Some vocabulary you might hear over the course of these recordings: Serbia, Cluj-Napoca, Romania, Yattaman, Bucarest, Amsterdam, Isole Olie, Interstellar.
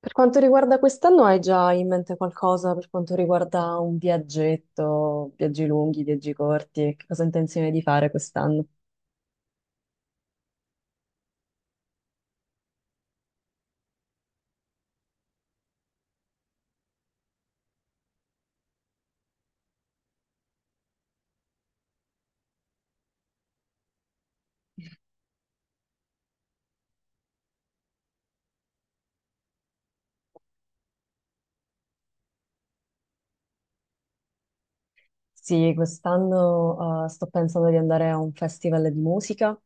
Per quanto riguarda quest'anno, hai già in mente qualcosa per quanto riguarda un viaggetto, viaggi lunghi, viaggi corti? Che cosa hai intenzione di fare quest'anno? Sì, quest'anno sto pensando di andare a un festival di musica,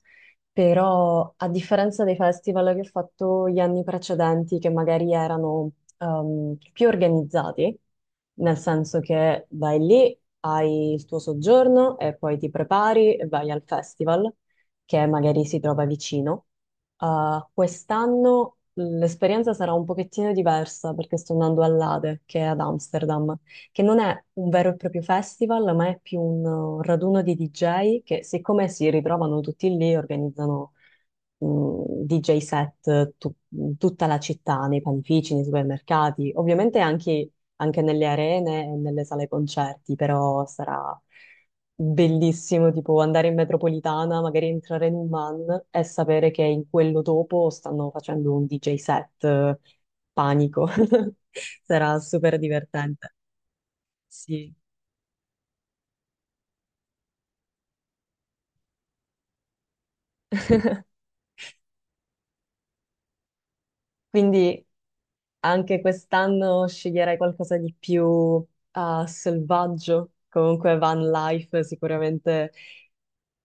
però a differenza dei festival che ho fatto gli anni precedenti, che magari erano più organizzati, nel senso che vai lì, hai il tuo soggiorno e poi ti prepari e vai al festival che magari si trova vicino. Quest'anno l'esperienza sarà un pochettino diversa perché sto andando all'Ade, che è ad Amsterdam, che non è un vero e proprio festival, ma è più un raduno di DJ che, siccome si ritrovano tutti lì, organizzano DJ set in tutta la città, nei panifici, nei supermercati, ovviamente anche, anche nelle arene e nelle sale concerti, però sarà bellissimo tipo andare in metropolitana, magari entrare in un man e sapere che in quello dopo stanno facendo un DJ set, panico. Sarà super divertente. Sì. Quindi anche quest'anno sceglierei qualcosa di più selvaggio. Comunque van life sicuramente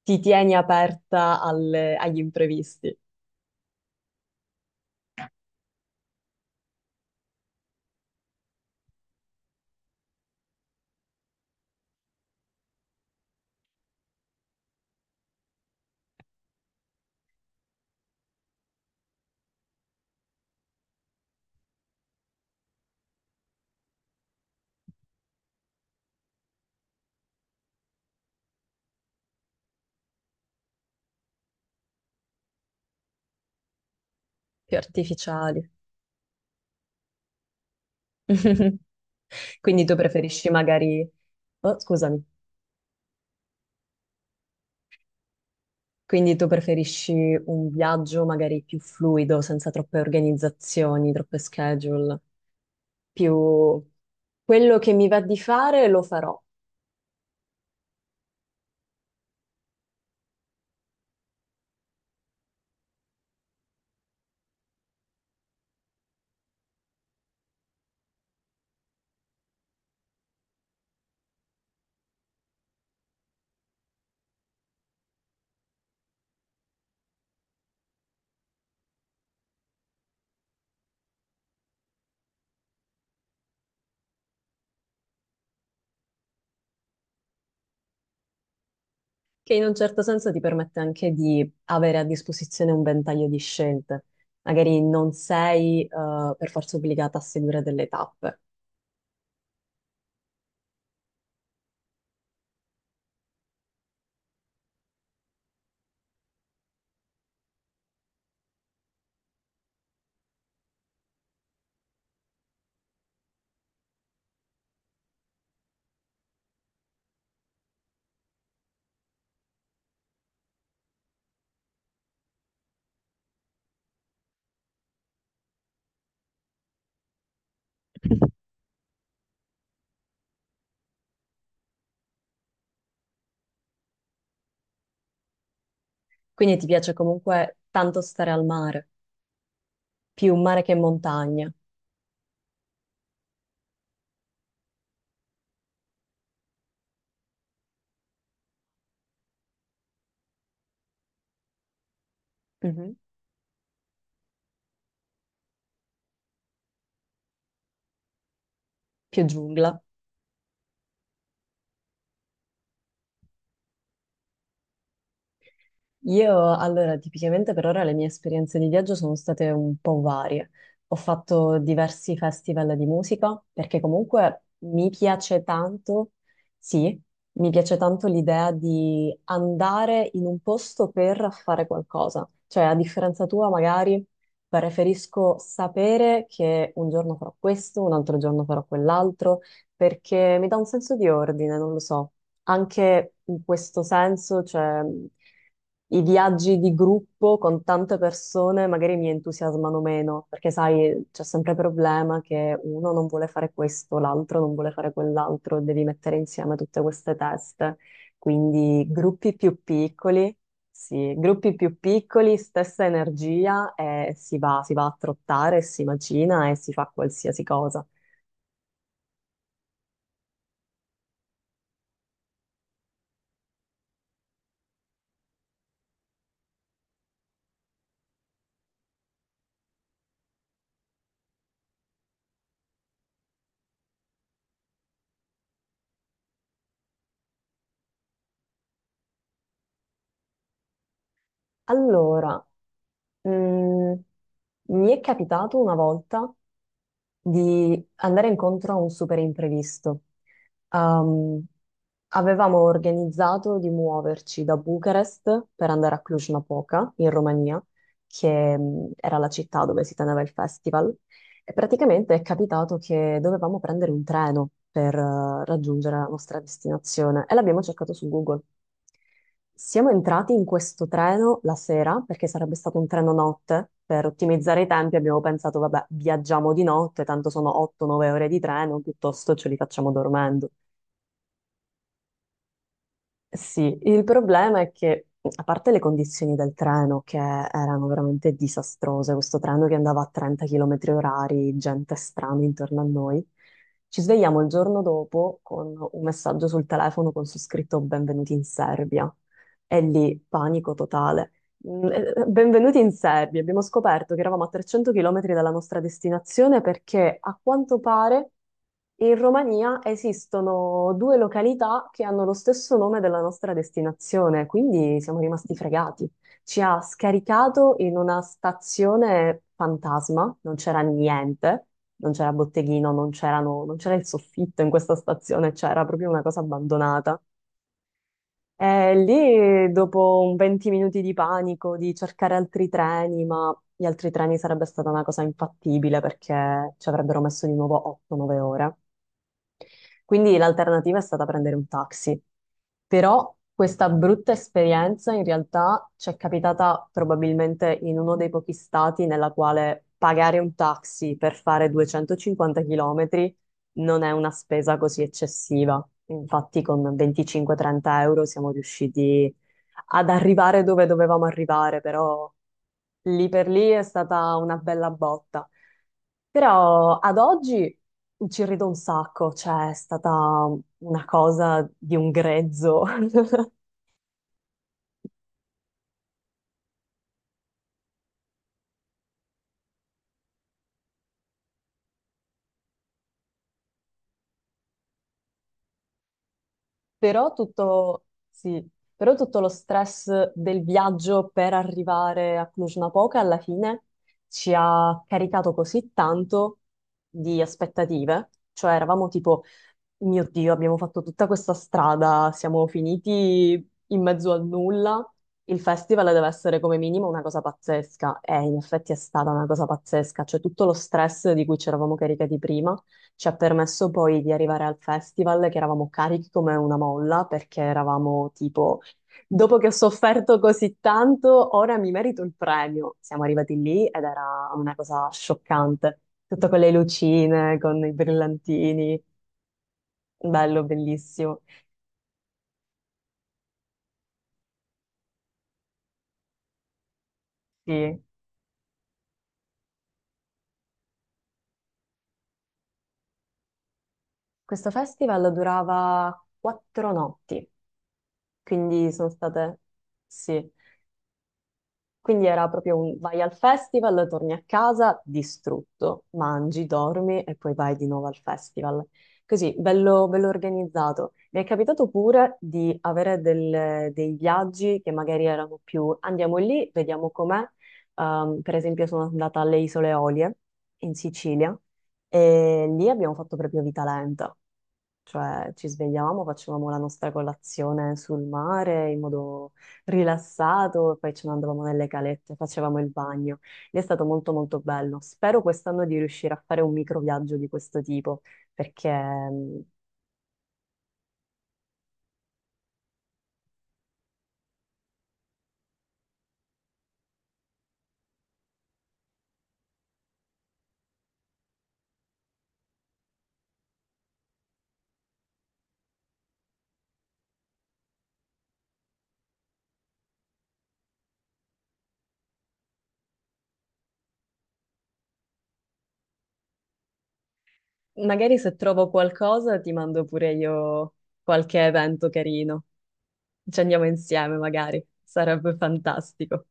ti tieni aperta agli imprevisti più artificiali. Quindi tu preferisci magari... Oh, scusami. Quindi tu preferisci un viaggio magari più fluido, senza troppe organizzazioni, troppe schedule, più quello che mi va di fare lo farò. Che in un certo senso ti permette anche di avere a disposizione un ventaglio di scelte. Magari non sei, per forza obbligata a seguire delle tappe. Quindi ti piace comunque tanto stare al mare, più mare che montagna, mhm, più giungla. Io, allora, tipicamente per ora le mie esperienze di viaggio sono state un po' varie. Ho fatto diversi festival di musica perché comunque mi piace tanto, sì, mi piace tanto l'idea di andare in un posto per fare qualcosa. Cioè, a differenza tua, magari preferisco sapere che un giorno farò questo, un altro giorno farò quell'altro, perché mi dà un senso di ordine, non lo so, anche in questo senso, cioè, i viaggi di gruppo con tante persone magari mi entusiasmano meno, perché sai, c'è sempre il problema che uno non vuole fare questo, l'altro non vuole fare quell'altro, devi mettere insieme tutte queste teste. Quindi gruppi più piccoli, sì, gruppi più piccoli, stessa energia e si va a trottare, si macina e si fa qualsiasi cosa. Allora, mm, mi è capitato una volta di andare incontro a un super imprevisto. Ehm, avevamo organizzato di muoverci da Bucarest per andare a Cluj-Napoca, in Romania, che era la città dove si teneva il festival, e praticamente è capitato che dovevamo prendere un treno per raggiungere la nostra destinazione e l'abbiamo cercato su Google. Siamo entrati in questo treno la sera perché sarebbe stato un treno notte. Per ottimizzare i tempi abbiamo pensato, vabbè, viaggiamo di notte, tanto sono 8-9 ore di treno, piuttosto ce li facciamo dormendo. Sì, il problema è che, a parte le condizioni del treno che erano veramente disastrose, questo treno che andava a 30 km orari, gente strana intorno a noi, ci svegliamo il giorno dopo con un messaggio sul telefono con su scritto "Benvenuti in Serbia". E lì panico totale. Mm, Benvenuti in Serbia. Abbiamo scoperto che eravamo a 300 km dalla nostra destinazione perché a quanto pare in Romania esistono due località che hanno lo stesso nome della nostra destinazione, quindi siamo rimasti fregati. Ci ha scaricato in una stazione fantasma, non c'era niente, non c'era botteghino, non c'era il soffitto in questa stazione, c'era proprio una cosa abbandonata. E lì, dopo un 20 minuti di panico, di cercare altri treni, ma gli altri treni sarebbe stata una cosa infattibile perché ci avrebbero messo di nuovo 8-9 ore. Quindi l'alternativa è stata prendere un taxi. Però questa brutta esperienza in realtà ci è capitata probabilmente in uno dei pochi stati nella quale pagare un taxi per fare 250 km non è una spesa così eccessiva. Infatti con 25-30 euro siamo riusciti ad arrivare dove dovevamo arrivare, però lì per lì è stata una bella botta. Però ad oggi ci rido un sacco, cioè è stata una cosa di un grezzo. Però tutto, sì, però tutto lo stress del viaggio per arrivare a Cluj-Napoca alla fine ci ha caricato così tanto di aspettative, cioè eravamo tipo, mio Dio, abbiamo fatto tutta questa strada, siamo finiti in mezzo al nulla, il festival deve essere come minimo una cosa pazzesca e in effetti è stata una cosa pazzesca, cioè tutto lo stress di cui ci eravamo caricati prima ci ha permesso poi di arrivare al festival che eravamo carichi come una molla perché eravamo tipo, dopo che ho sofferto così tanto, ora mi merito il premio. Siamo arrivati lì ed era una cosa scioccante, tutto con le lucine, con i brillantini, bello, bellissimo. Sì. Questo festival durava 4 notti, quindi sono state... Sì. Quindi era proprio un vai al festival, torni a casa distrutto, mangi, dormi e poi vai di nuovo al festival. Così, bello, bello organizzato. Mi è capitato pure di avere dei viaggi che magari erano più andiamo lì, vediamo com'è. Per esempio sono andata alle Isole Olie in Sicilia e lì abbiamo fatto proprio vita lenta. Cioè, ci svegliavamo, facevamo la nostra colazione sul mare in modo rilassato, e poi ce ne andavamo nelle calette, facevamo il bagno. Lì è stato molto molto bello. Spero quest'anno di riuscire a fare un microviaggio di questo tipo, perché magari se trovo qualcosa ti mando pure io qualche evento carino. Ci andiamo insieme, magari. Sarebbe fantastico.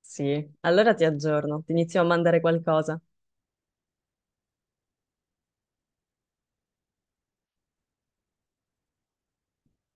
Sì, allora ti aggiorno, ti inizio a mandare qualcosa.